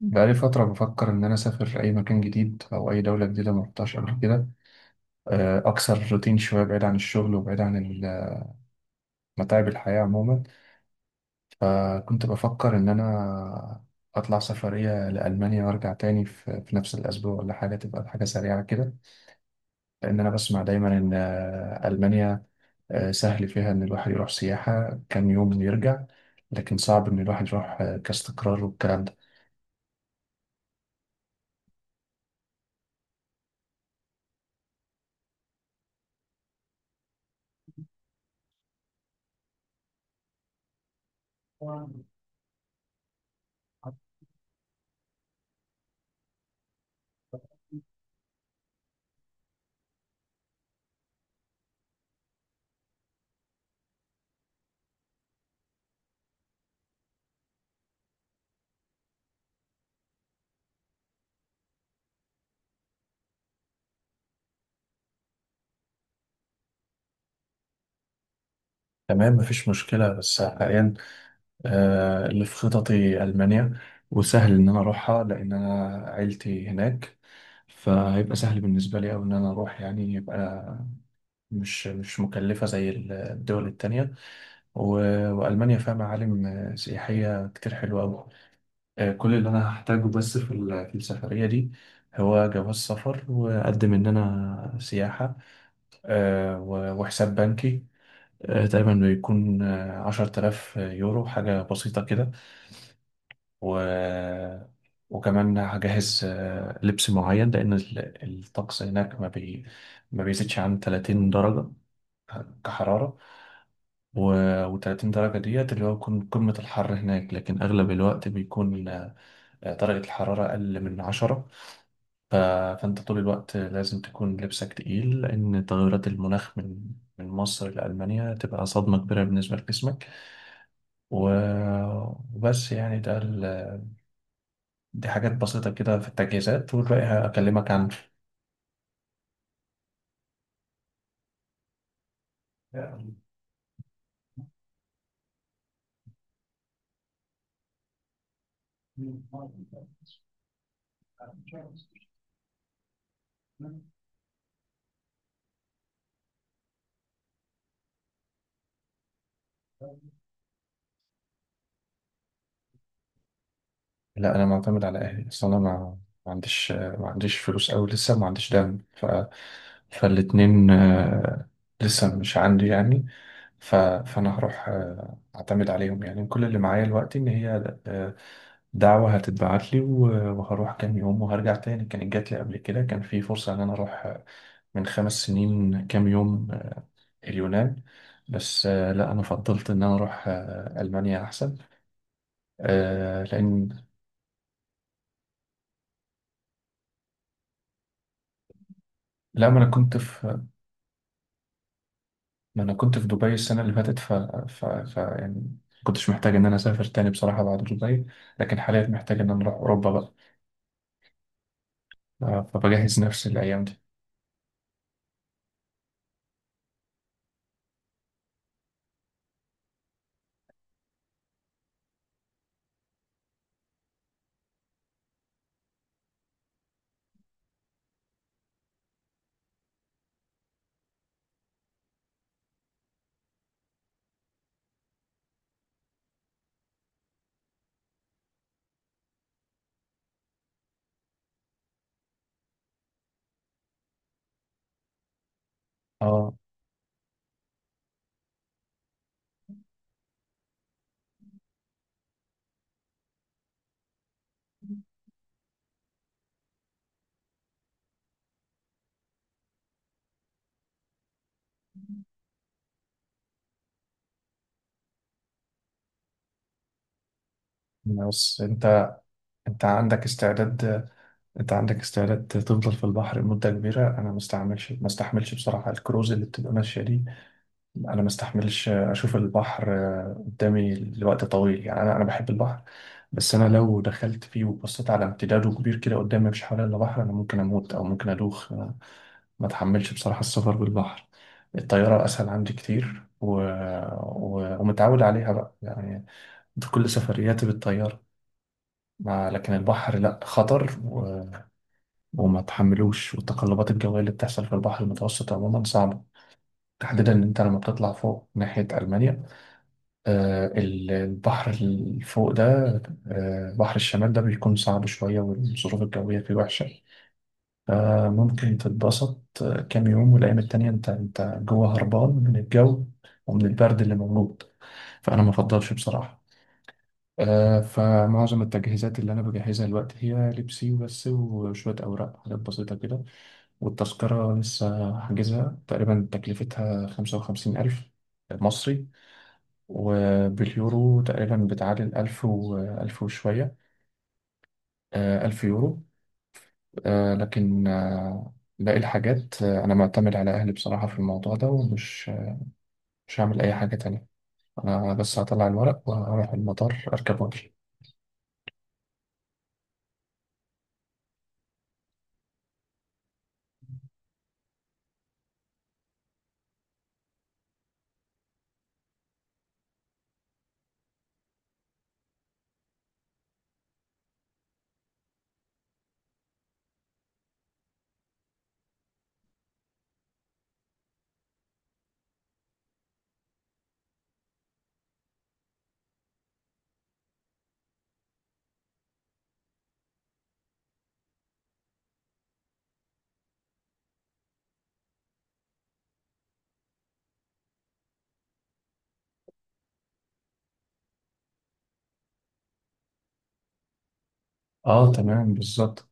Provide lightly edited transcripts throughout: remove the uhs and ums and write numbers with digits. بقالي فترة بفكر إن أنا أسافر أي مكان جديد أو أي دولة جديدة ما رحتهاش قبل كده. أكسر روتين شوية بعيد عن الشغل وبعيد عن متاعب الحياة عموما. فكنت بفكر إن أنا أطلع سفرية لألمانيا وأرجع تاني في نفس الأسبوع ولا حاجة تبقى حاجة سريعة كده. لأن أنا بسمع دايما إن ألمانيا سهل فيها إن الواحد يروح سياحة كام يوم ويرجع. لكن صعب إن الواحد يروح كاستقرار والكلام ده. تمام، مفيش مشكلة، بس حاليا اللي في خططي ألمانيا. وسهل إن أنا أروحها لأن أنا عيلتي هناك. فهيبقى سهل بالنسبة لي أوي إن أنا أروح، يعني يبقى مش مكلفة زي الدول التانية. وألمانيا فيها معالم سياحية كتير حلوة أوي. كل اللي أنا هحتاجه بس في في السفرية دي هو جواز سفر، وأقدم إن أنا سياحة، وحساب بنكي تقريبا بيكون 10,000 يورو، حاجة بسيطة كده. و... وكمان هجهز لبس معين لأن الطقس هناك ما بيزيدش عن 30 درجة كحرارة. و... و30 درجة ديت اللي هو يكون قمة الحر هناك، لكن أغلب الوقت بيكون درجة الحرارة أقل من 10. ف... فأنت طول الوقت لازم تكون لبسك تقيل، لأن تغيرات المناخ من مصر لألمانيا تبقى صدمة كبيرة بالنسبة لجسمك. و... وبس يعني ده، دي حاجات بسيطة كده في التجهيزات، والباقي هكلمك عنه. لا، أنا معتمد على أهلي، أصل أنا ما عنديش فلوس أوي، لسه ما عنديش دم. فالاتنين لسه مش عندي يعني. ف... فأنا هروح أعتمد عليهم، يعني كل اللي معايا دلوقتي إن هي آه، دعوة هتتبعت لي وهروح كام يوم وهرجع تاني. كانت جات لي قبل كده، كان في فرصة إن أنا أروح من 5 سنين كام يوم اليونان. بس لا، انا فضلت ان انا اروح المانيا احسن. لان لا، ما انا كنت في دبي السنه اللي فاتت. يعني كنتش محتاج ان انا اسافر تاني بصراحه بعد دبي. لكن حاليا محتاج ان انا اروح اوروبا بقى. فبجهز نفسي الايام دي. اه. بس انت، انت عندك استعداد انت عندك استعداد تفضل في البحر لمده كبيره؟ انا ما استحملش بصراحه الكروز اللي بتبقى ماشيه دي. انا ما استحملش اشوف البحر قدامي لوقت طويل، يعني انا بحب البحر، بس انا لو دخلت فيه وبصيت على امتداده كبير كده قدامي مفيش حواليا الا بحر، انا ممكن اموت او ممكن ادوخ. أنا ما اتحملش بصراحة السفر بالبحر. الطيارة اسهل عندي كتير ومتعود عليها بقى يعني، في كل سفرياتي بالطيارة. لكن البحر لا، خطر وما تحملوش، والتقلبات الجوية اللي بتحصل في البحر المتوسط عموما صعبة. تحديدا ان انت لما بتطلع فوق ناحية المانيا، البحر اللي فوق ده بحر الشمال ده بيكون صعب شوية، والظروف الجوية فيه وحشة. فممكن تتبسط كام يوم، والأيام التانية أنت جوه هربان من الجو ومن البرد اللي موجود. فأنا ما أفضلش بصراحة. فمعظم التجهيزات اللي أنا بجهزها الوقت هي لبسي وبس، وشوية أوراق، حاجات بسيطة كده. والتذكرة لسه حاجزها، تقريبا تكلفتها 55,000 مصري، وباليورو تقريبا بتعادل 1000 و 1000 وشوية، 1000 يورو. آه، لكن آه، باقي الحاجات أنا معتمد على أهلي بصراحة في الموضوع ده، ومش مش هعمل أي حاجة تانية. أنا بس هطلع الورق وهروح المطار، أركب وأمشي. أه، تمام بالظبط.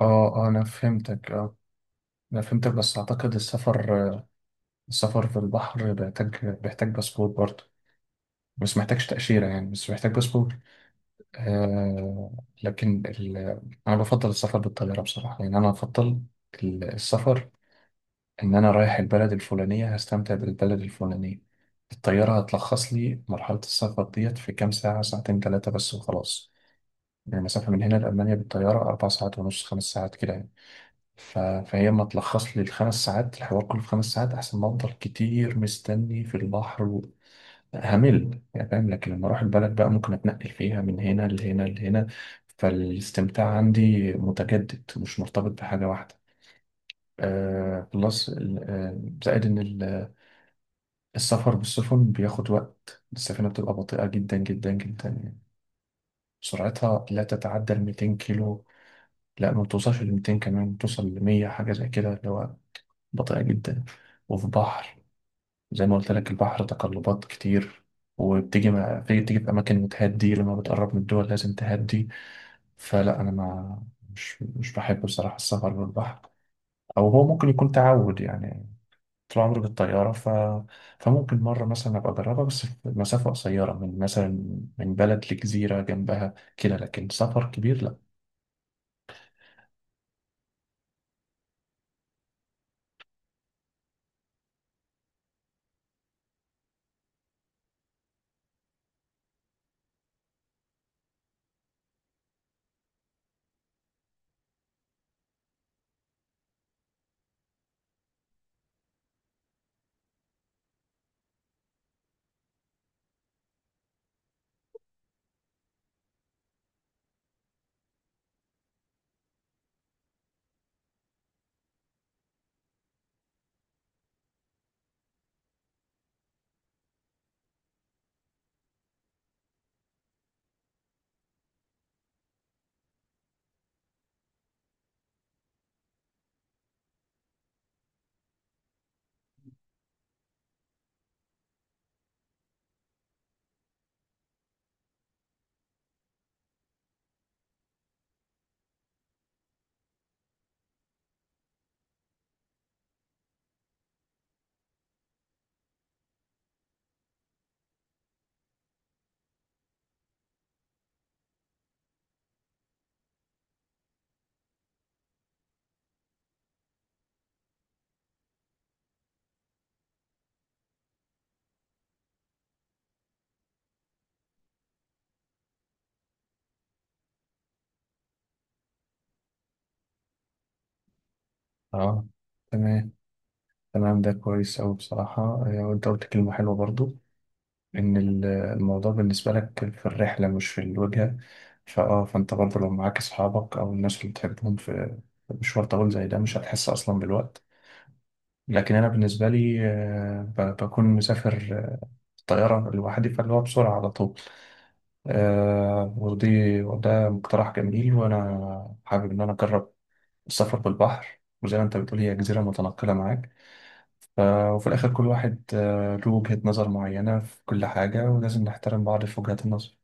أه. أنا فهمتك، أه، أنا فهمتك. بس أعتقد السفر في البحر بيحتاج باسبور برضه، بس محتاجش تأشيرة، يعني بس محتاج باسبور. آه. لكن أنا بفضل السفر بالطيارة بصراحة، لأن أنا بفضل السفر إن أنا رايح البلد الفلانية هستمتع بالبلد الفلانية. الطيارة هتلخص لي مرحلة السفر ديت في كام ساعة، 2 ساعات، 3 بس وخلاص. يعني المسافة من هنا لألمانيا بالطيارة 4 ساعات ونص، 5 ساعات كده يعني. فهي ما تلخص لي الخمس ساعات، الحوار كله في 5 ساعات أحسن ما أفضل كتير مستني في البحر همل، يعني فاهم. لكن لما اروح البلد بقى ممكن اتنقل فيها من هنا لهنا لهنا، فالاستمتاع عندي متجدد مش مرتبط بحاجة واحدة. آه، زائد ان السفر بالسفن بياخد وقت، السفينة بتبقى بطيئة جدا جدا جدا يعني، سرعتها لا تتعدى ال 200 كيلو. لا، ما توصلش ل 200، كمان توصل ل 100، حاجة زي كده اللي هو بطيئة جدا. وفي بحر، زي ما قلت لك البحر تقلبات كتير، وبتيجي مع... بتيجي بتيجي في أماكن بتهدي، لما بتقرب من الدول لازم تهدي. فلا أنا ما مش مش بحب بصراحة السفر بالبحر. أو هو ممكن يكون تعود، يعني طول عمري بالطيارة. فممكن مرة مثلا أبقى أجربها، بس في مسافة قصيرة، من مثلا من بلد لجزيرة جنبها كده، لكن سفر كبير لا. اه، تمام. تمام، ده كويس أوي بصراحة. وأنت قلت كلمة حلوة برضو، ان الموضوع بالنسبة لك في الرحلة مش في الوجهة. فانت برضه لو معاك اصحابك او الناس اللي بتحبهم في مشوار طويل زي ده مش هتحس اصلا بالوقت. لكن انا بالنسبة لي، بكون مسافر طيارة لوحدي، فاللي هو بسرعة على طول. آه، ودي وده مقترح جميل، وانا حابب ان انا اجرب السفر بالبحر، وزي ما انت بتقول هي جزيرة متنقلة معاك. ف- وفي الاخر كل واحد له وجهة نظر معينة في كل حاجة، ولازم نحترم بعض في وجهات النظر.